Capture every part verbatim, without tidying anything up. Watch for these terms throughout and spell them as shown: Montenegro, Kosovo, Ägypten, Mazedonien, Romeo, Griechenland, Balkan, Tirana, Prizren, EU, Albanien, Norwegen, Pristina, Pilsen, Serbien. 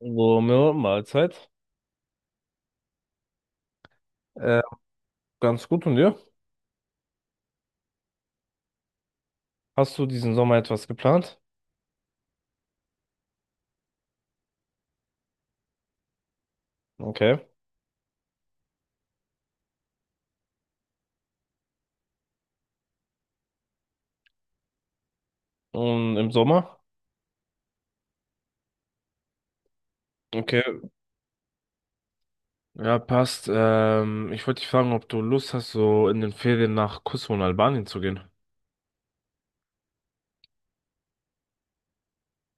Romeo, Mahlzeit. Äh, Ganz gut und dir? Hast du diesen Sommer etwas geplant? Okay. Und im Sommer? Okay, ja, passt. Ähm, ich wollte dich fragen, ob du Lust hast, so in den Ferien nach Kosovo und Albanien zu gehen.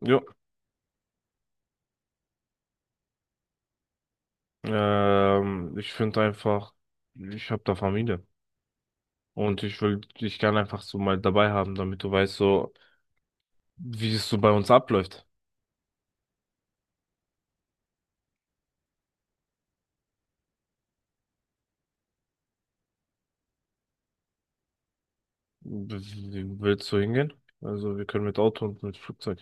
Ja. Ähm, ich finde einfach, ich habe da Familie. Und ich will dich gerne einfach so mal dabei haben, damit du weißt, so, wie es so bei uns abläuft. W- Willst du hingehen? Also, wir können mit Auto und mit Flugzeug.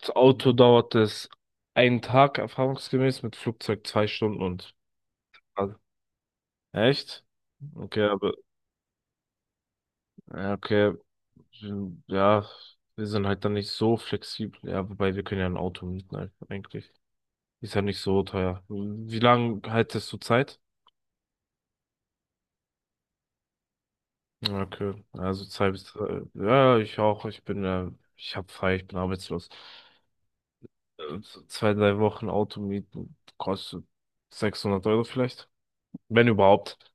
Das Auto dauert es einen Tag erfahrungsgemäß, mit Flugzeug zwei Stunden und. Also, echt? Okay, aber, ja, okay, hm, ja, wir sind halt dann nicht so flexibel. Ja, wobei wir können ja ein Auto mieten, halt, eigentlich. Ist ja nicht so teuer. Wie lange haltest du Zeit? Ja, okay, also zwei bis drei. Ja, ich auch. Ich bin, äh, ich hab frei, ich bin arbeitslos. Äh, so zwei, drei Wochen Auto mieten kostet sechshundert Euro vielleicht, wenn überhaupt.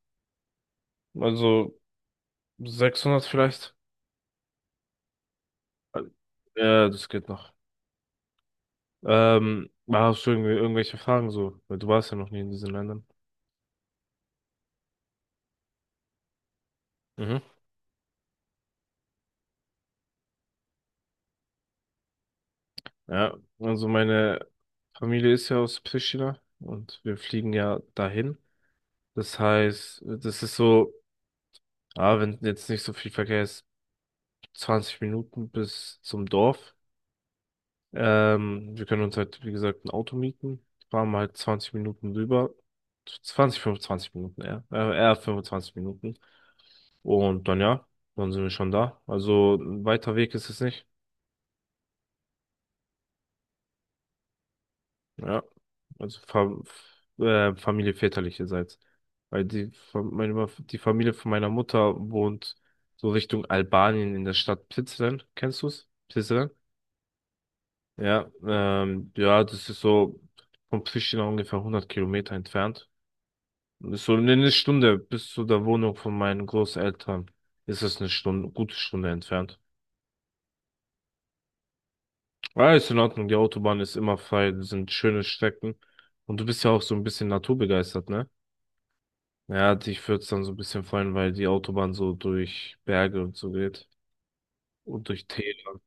Also sechshundert vielleicht? Ja, das geht noch. Ähm, hast du irgendwie irgendwelche Fragen so? Weil du warst ja noch nie in diesen Ländern. Mhm. Ja, also meine Familie ist ja aus Pristina und wir fliegen ja dahin. Das heißt, das ist so, ah, wenn jetzt nicht so viel Verkehr ist, zwanzig Minuten bis zum Dorf. Ähm, wir können uns halt, wie gesagt, ein Auto mieten, fahren halt zwanzig Minuten rüber. Zwanzig fünfundzwanzig Minuten, eher. Äh, eher fünfundzwanzig Minuten. Und dann ja, dann sind wir schon da. Also ein weiter Weg ist es nicht. Ja. Also Fa äh, Familie väterlicherseits. Weil die, Fa- meine, Ma- die Familie von meiner Mutter wohnt so Richtung Albanien in der Stadt Prizren. Kennst du's? Prizren? Ja, ähm, ja, das ist so von Pristina ungefähr hundert Kilometer entfernt. Und ist so eine Stunde bis zu der Wohnung von meinen Großeltern. Ist es eine Stunde, gute Stunde entfernt. Ja, ist in Ordnung, die Autobahn ist immer frei, das sind schöne Strecken. Und du bist ja auch so ein bisschen naturbegeistert, ne? Ja, dich würde es dann so ein bisschen freuen, weil die Autobahn so durch Berge und so geht. Und durch Täler.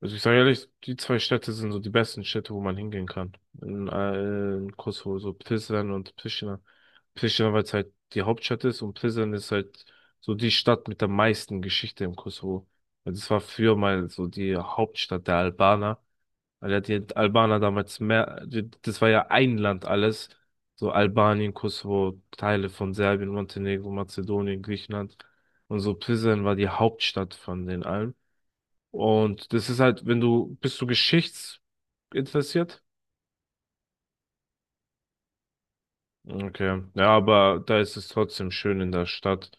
Also ich sage ehrlich, die zwei Städte sind so die besten Städte, wo man hingehen kann. In, äh, in Kosovo, so Prizren und Pristina. Pristina, weil es halt die Hauptstadt ist und Prizren ist halt so die Stadt mit der meisten Geschichte im Kosovo. Also es war früher mal so die Hauptstadt der Albaner. Weil ja die Albaner damals mehr, die- das war ja ein Land alles. So Albanien, Kosovo, Teile von Serbien, Montenegro, Mazedonien, Griechenland. Und so Prizren war die Hauptstadt von den allen. Und das ist halt, wenn du, bist du geschichtsinteressiert? Okay. Ja, aber da ist es trotzdem schön in der Stadt.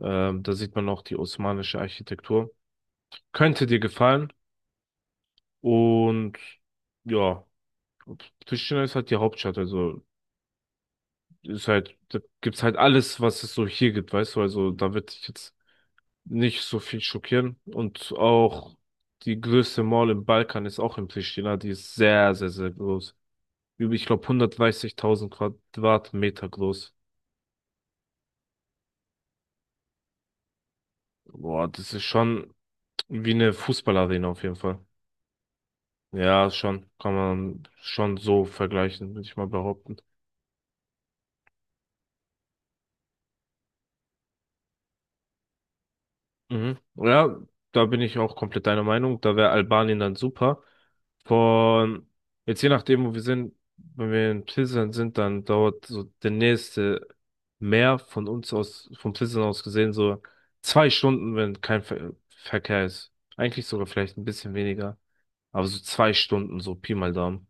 Ähm, da sieht man auch die osmanische Architektur. Könnte dir gefallen. Und ja, Pristina ist halt die Hauptstadt, also ist halt, da gibt's halt alles, was es so hier gibt, weißt du, also da wird dich jetzt nicht so viel schockieren und auch die größte Mall im Balkan ist auch in Pristina, die ist sehr, sehr, sehr groß. Über, ich glaube, hundertdreißigtausend Quadratmeter groß. Boah, das ist schon wie eine Fußballarena auf jeden Fall. Ja, schon, kann man schon so vergleichen, würde ich mal behaupten. Mhm. Ja, da bin ich auch komplett deiner Meinung. Da wäre Albanien dann super. Von jetzt je nachdem, wo wir sind, wenn wir in Pilsen sind, dann dauert so der nächste Meer von uns aus, von Pilsen aus gesehen, so zwei Stunden, wenn kein Ver Verkehr ist. Eigentlich sogar vielleicht ein bisschen weniger. Aber so zwei Stunden, so Pi mal Daumen.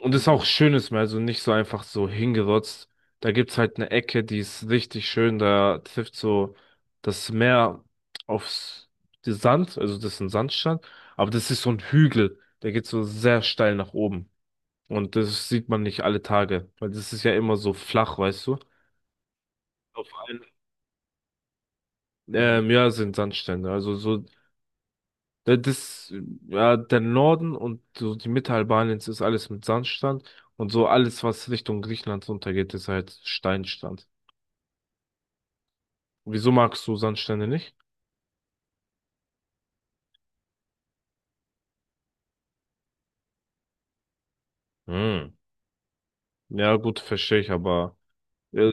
Und ist auch schönes Meer, also nicht so einfach so hingerotzt. Da gibt's halt eine Ecke, die ist richtig schön. Da trifft so das Meer aufs den Sand, also das ist ein Sandstrand, aber das ist so ein Hügel, der geht so sehr steil nach oben. Und das sieht man nicht alle Tage, weil das ist ja immer so flach, weißt du? Auf allen. Ähm, ja, sind Sandstrände. Also so Äh, Das, äh, ja, der Norden und so die Mitte Albaniens ist alles mit Sandstrand und so alles, was Richtung Griechenland runtergeht, ist halt Steinstrand. Wieso magst du Sandstrände nicht? Hm. Ja, gut, verstehe ich, aber äh,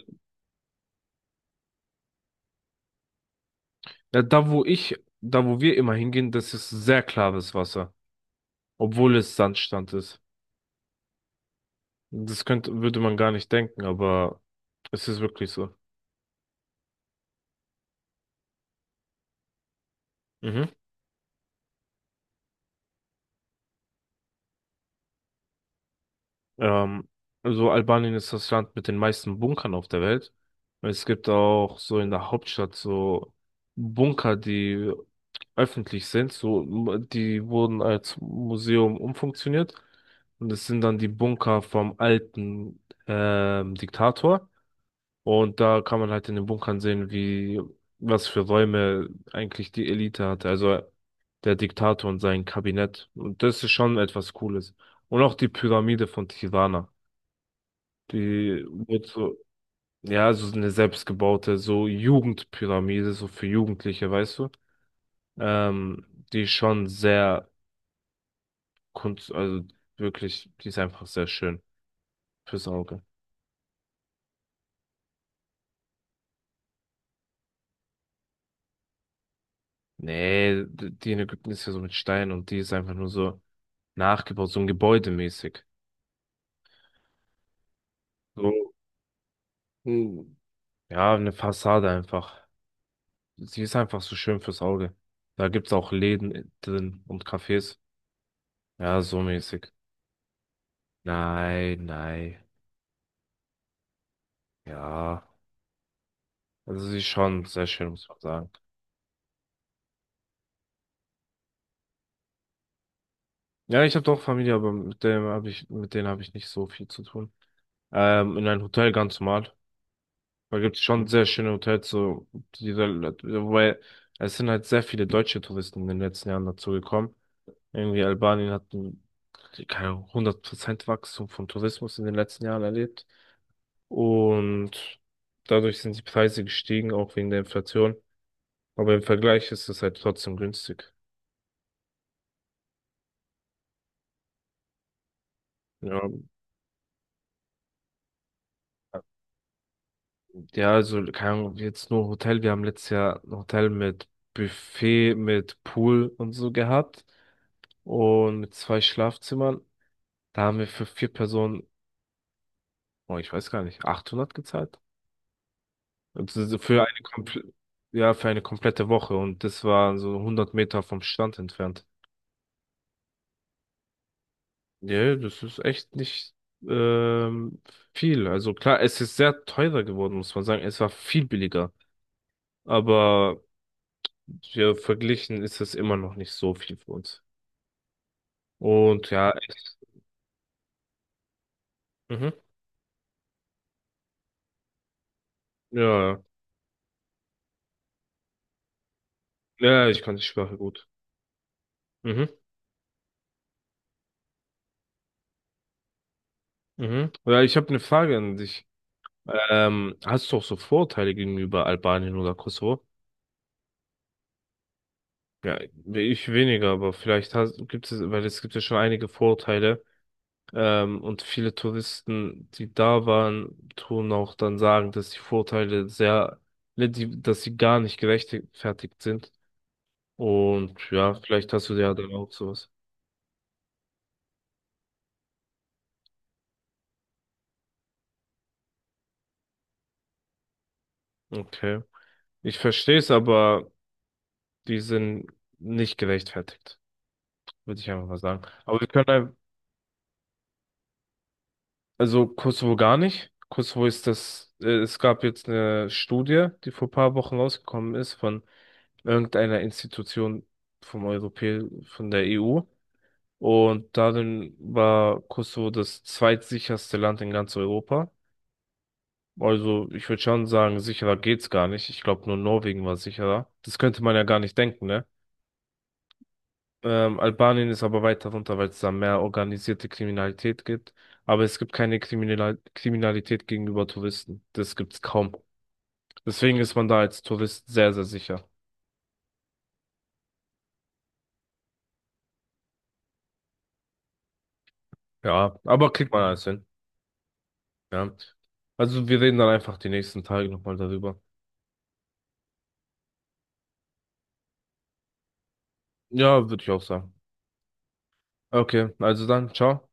ja, da wo ich, da wo wir immer hingehen, das ist sehr klares Wasser, obwohl es Sandstrand ist. Das könnte, würde man gar nicht denken, aber es ist wirklich so. Mhm. Ähm, also Albanien ist das Land mit den meisten Bunkern auf der Welt. Es gibt auch so in der Hauptstadt so Bunker, die öffentlich sind, so m- die wurden als Museum umfunktioniert und es sind dann die Bunker vom alten ähm, Diktator und da kann man halt in den Bunkern sehen, wie was für Räume eigentlich die Elite hatte, also der Diktator und sein Kabinett und das ist schon etwas Cooles und auch die Pyramide von Tirana. Die wird so, ja, so eine selbstgebaute, so Jugendpyramide, so für Jugendliche, weißt du? Ähm, Die ist schon sehr kunst, also wirklich, die ist einfach sehr schön fürs Auge. Nee, d- die in Ägypten ist ja so mit Stein und die ist einfach nur so nachgebaut, so ein Gebäudemäßig. So, hm, ja, eine Fassade einfach. Sie ist einfach so schön fürs Auge. Da gibt's auch Läden drin und Cafés. Ja, so mäßig. Nein, nein. Ja. Also sie ist schon sehr schön, muss man sagen. Ja, ich habe doch Familie, aber mit dem habe ich, mit denen habe ich nicht so viel zu tun. Ähm, in einem Hotel ganz normal. Da gibt es schon sehr schöne Hotels, so die, da- wobei es sind halt sehr viele deutsche Touristen in den letzten Jahren dazu gekommen. Irgendwie Albanien hat ein, keine Ahnung, hundert Prozent Wachstum von Tourismus in den letzten Jahren erlebt. Und dadurch sind die Preise gestiegen, auch wegen der Inflation. Aber im Vergleich ist es halt trotzdem günstig. Ja. Ja, also, keine Ahnung, jetzt nur Hotel. Wir haben letztes Jahr ein Hotel mit Buffet, mit Pool und so gehabt. Und mit zwei Schlafzimmern. Da haben wir für vier Personen, oh, ich weiß gar nicht, achthundert gezahlt. Also für eine komple Ja, für eine komplette Woche. Und das war so hundert Meter vom Strand entfernt. Ja, das ist echt nicht ähm, viel. Also klar, es ist sehr teurer geworden, muss man sagen. Es war viel billiger. Aber ja, verglichen ist es immer noch nicht so viel für uns. Und ja, echt, mhm, ja, ja, ja, ich kann die Sprache gut. Mhm. Mhm. Ja, ich habe eine Frage an dich. Ähm, hast du auch so Vorurteile gegenüber Albanien oder Kosovo? Ja, ich weniger, aber vielleicht hast, gibt es, weil es gibt ja schon einige Vorurteile. Ähm, und viele Touristen, die da waren, tun auch dann sagen, dass die Vorurteile sehr, ne, die- dass sie gar nicht gerechtfertigt sind. Und ja, vielleicht hast du ja dann auch sowas. Okay. Ich verstehe es, aber die sind nicht gerechtfertigt, würde ich einfach mal sagen. Aber wir können, ein- also Kosovo gar nicht. Kosovo ist das, äh, es gab jetzt eine Studie, die vor ein paar Wochen rausgekommen ist von irgendeiner Institution vom Europä, von der E U. Und darin war Kosovo das zweitsicherste Land in ganz Europa. Also ich würde schon sagen, sicherer geht's gar nicht. Ich glaube, nur Norwegen war sicherer. Das könnte man ja gar nicht denken, ne? Ähm, Albanien ist aber weiter runter, weil es da mehr organisierte Kriminalität gibt. Aber es gibt keine Kriminal Kriminalität gegenüber Touristen. Das gibt's kaum. Deswegen ist man da als Tourist sehr, sehr sicher. Ja, aber kriegt man alles hin. Ja. Also wir reden dann einfach die nächsten Tage nochmal darüber. Ja, würde ich auch sagen. Okay, also dann, ciao.